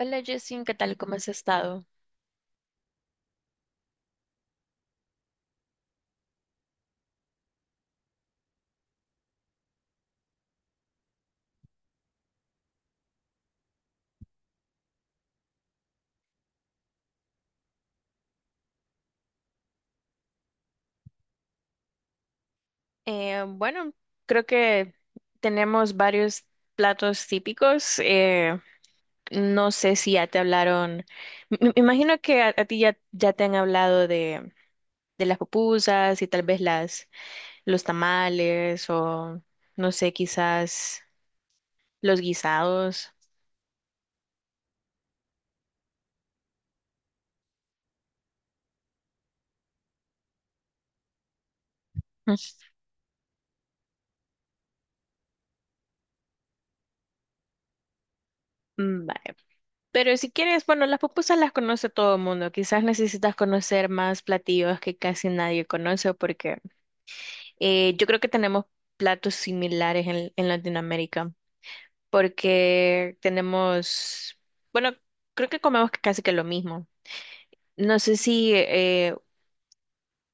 Hola Justin, ¿qué tal? ¿Cómo has estado? Eh, bueno, creo que tenemos varios platos típicos. No sé si ya te hablaron. Me imagino que a ti ya te han hablado de las pupusas y tal vez las, los tamales o no sé, quizás los guisados. Mm, vale. Pero si quieres, bueno, las pupusas las conoce todo el mundo. Quizás necesitas conocer más platillos que casi nadie conoce porque yo creo que tenemos platos similares en Latinoamérica, porque tenemos, bueno, creo que comemos casi que lo mismo. No sé si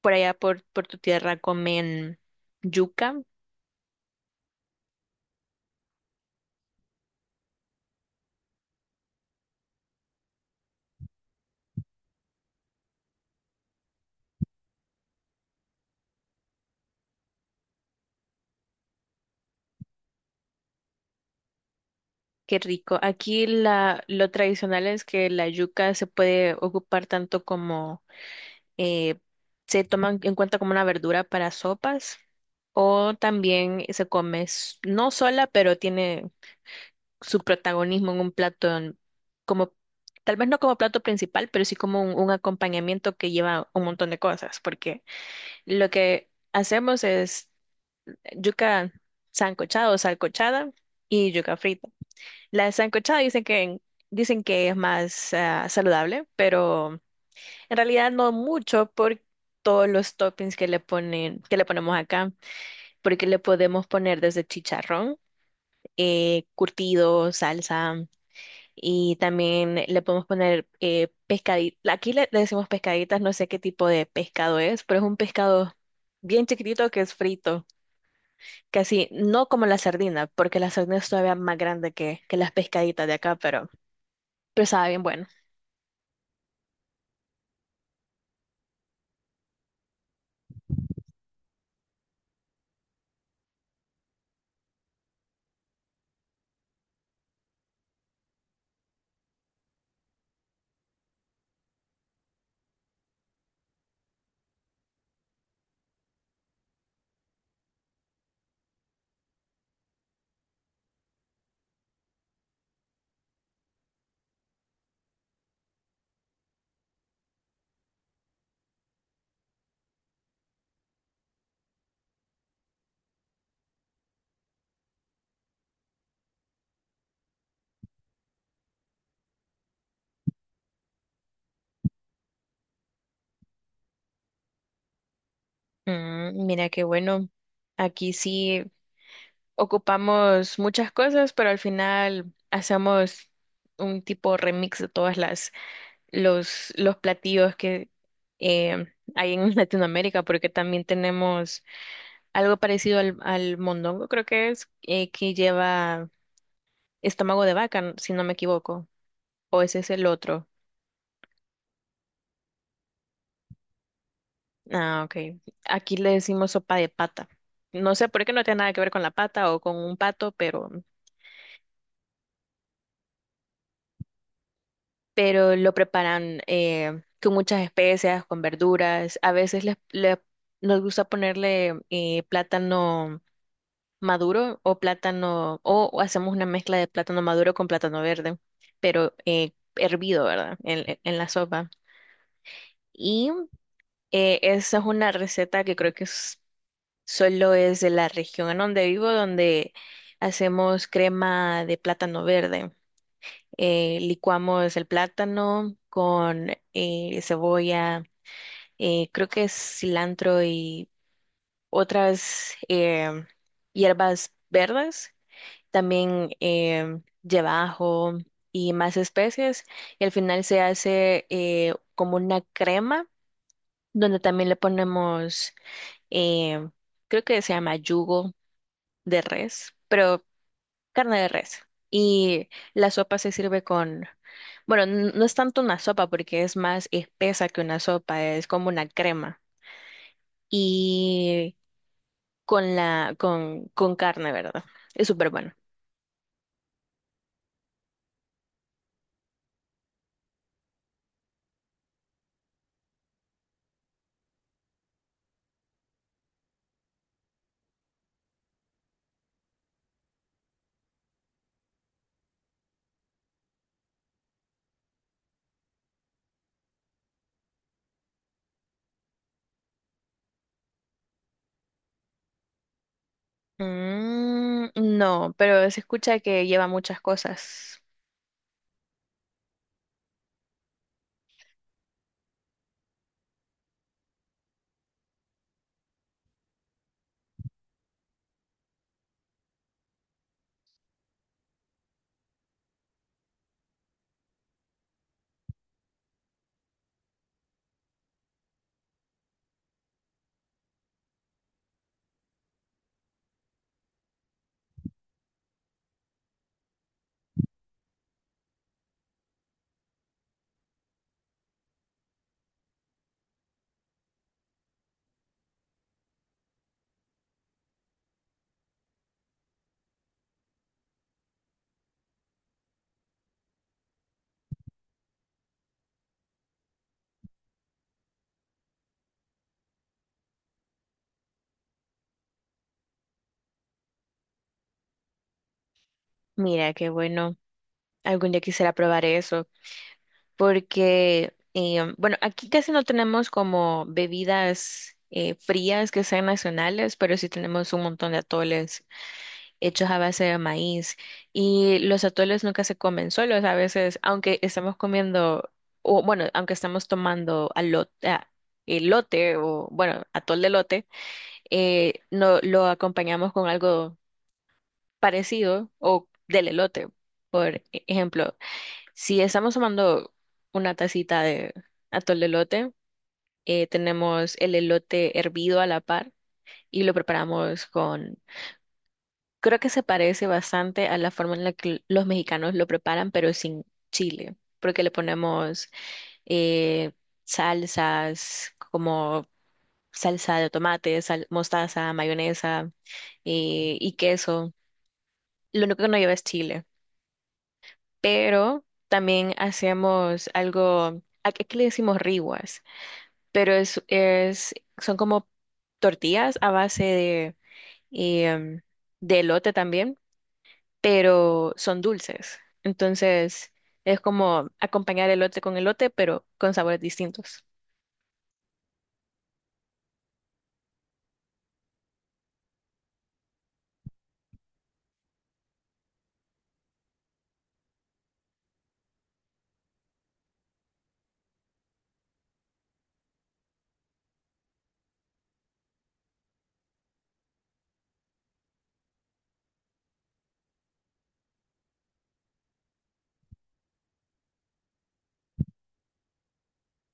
por allá por tu tierra comen yuca, qué rico. Aquí la, lo tradicional es que la yuca se puede ocupar tanto como eh, se toma en cuenta como una verdura para sopas, o también se come no sola, pero tiene su protagonismo en un plato, como, tal vez no como plato principal, pero sí como un acompañamiento que lleva un montón de cosas, porque lo que hacemos es yuca sancochada o salcochada y yuca frita. La sancochada dicen que es más saludable, pero en realidad no mucho por todos los toppings que le ponen, que le ponemos acá, porque le podemos poner desde chicharrón, curtido, salsa. Y también le podemos poner pescaditas. Aquí le, le decimos pescaditas, no sé qué tipo de pescado es, pero es un pescado bien chiquitito que es frito. Casi no como la sardina, porque la sardina es todavía más grande que las pescaditas de acá, pero sabe bien bueno. Mm, mira qué bueno. Aquí sí ocupamos muchas cosas, pero al final hacemos un tipo remix de todas las los platillos que eh, hay en Latinoamérica, porque también tenemos algo parecido al, al mondongo, creo que es, que lleva estómago de vaca, si no me equivoco, o ese es el otro. Ah, ok. Aquí le decimos sopa de pata. No sé por qué no tiene nada que ver con la pata o con un pato, pero lo preparan con muchas especias, con verduras. A veces les, nos gusta ponerle plátano maduro o plátano, o hacemos una mezcla de plátano maduro con plátano verde, pero hervido, ¿verdad? En, e, en la sopa. Y esa es una receta que creo que solo es de la región en donde vivo, donde hacemos crema de plátano verde. Licuamos el plátano con cebolla, creo que es cilantro y otras hierbas verdes también llevajo y más especies. Y al final se hace como una crema donde también le ponemos, eh, creo que se llama yugo de res, pero carne de res. Y la sopa se sirve con, bueno, no es tanto una sopa porque es más espesa que una sopa, es como una crema. Y con la, con carne, ¿verdad? Es súper bueno. Mm, no, pero se escucha que lleva muchas cosas. Mira, qué bueno. Algún día quisiera probar eso, porque, bueno, aquí casi no tenemos como bebidas frías que sean nacionales, pero sí tenemos un montón de atoles hechos a base de maíz. Y los atoles nunca se comen solos, a veces, aunque estamos comiendo, o bueno, aunque estamos tomando alote, ah, elote, o bueno, atol de lote no, lo acompañamos con algo parecido o del elote. Por ejemplo, si estamos tomando una tacita de atol de elote, tenemos el elote hervido a la par y lo preparamos con, creo que se parece bastante a la forma en la que los mexicanos lo preparan, pero sin chile, porque le ponemos eh, salsas como salsa de tomate, mostaza, mayonesa y queso. Lo único que no lleva es chile, pero también hacíamos algo, aquí le decimos riguas, pero es, son como tortillas a base de, y, de elote también, pero son dulces. Entonces es como acompañar elote con elote, pero con sabores distintos.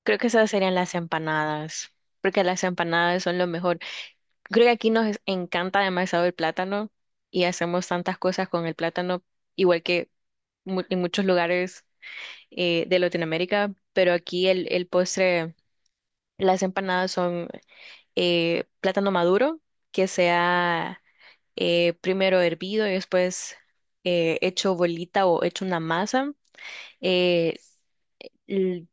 Creo que esas serían las empanadas, porque las empanadas son lo mejor. Creo que aquí nos encanta demasiado el plátano y hacemos tantas cosas con el plátano, igual que en muchos lugares de Latinoamérica, pero aquí el postre, las empanadas son plátano maduro, que sea primero hervido y después hecho bolita o hecho una masa. eh, l-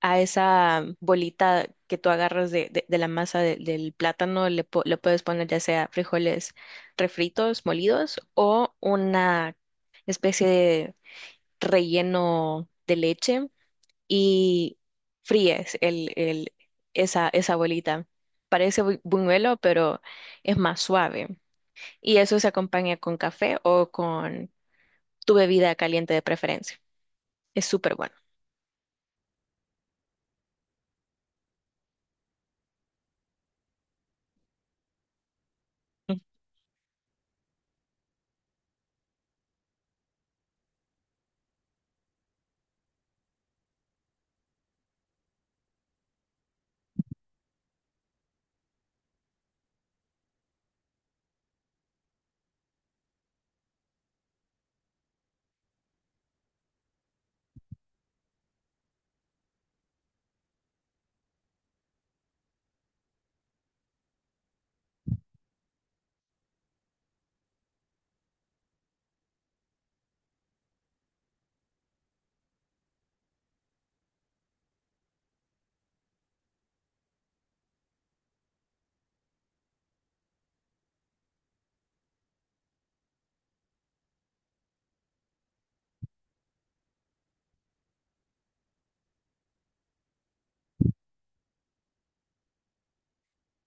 a esa bolita que tú agarras de, de la masa del plátano le, le puedes poner ya sea frijoles refritos, molidos o una especie de relleno de leche y fríes el, esa bolita. Parece buñuelo, pero es más suave. Y eso se acompaña con café o con tu bebida caliente de preferencia. Es súper bueno. Mm.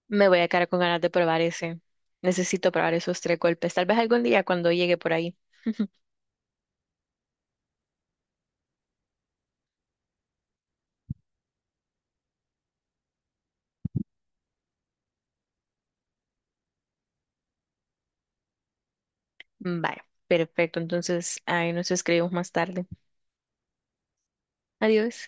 Me voy a quedar con ganas de probar ese. Necesito probar esos tres golpes. Tal vez algún día cuando llegue por ahí. Vaya, perfecto. Entonces, ahí nos escribimos más tarde. Adiós.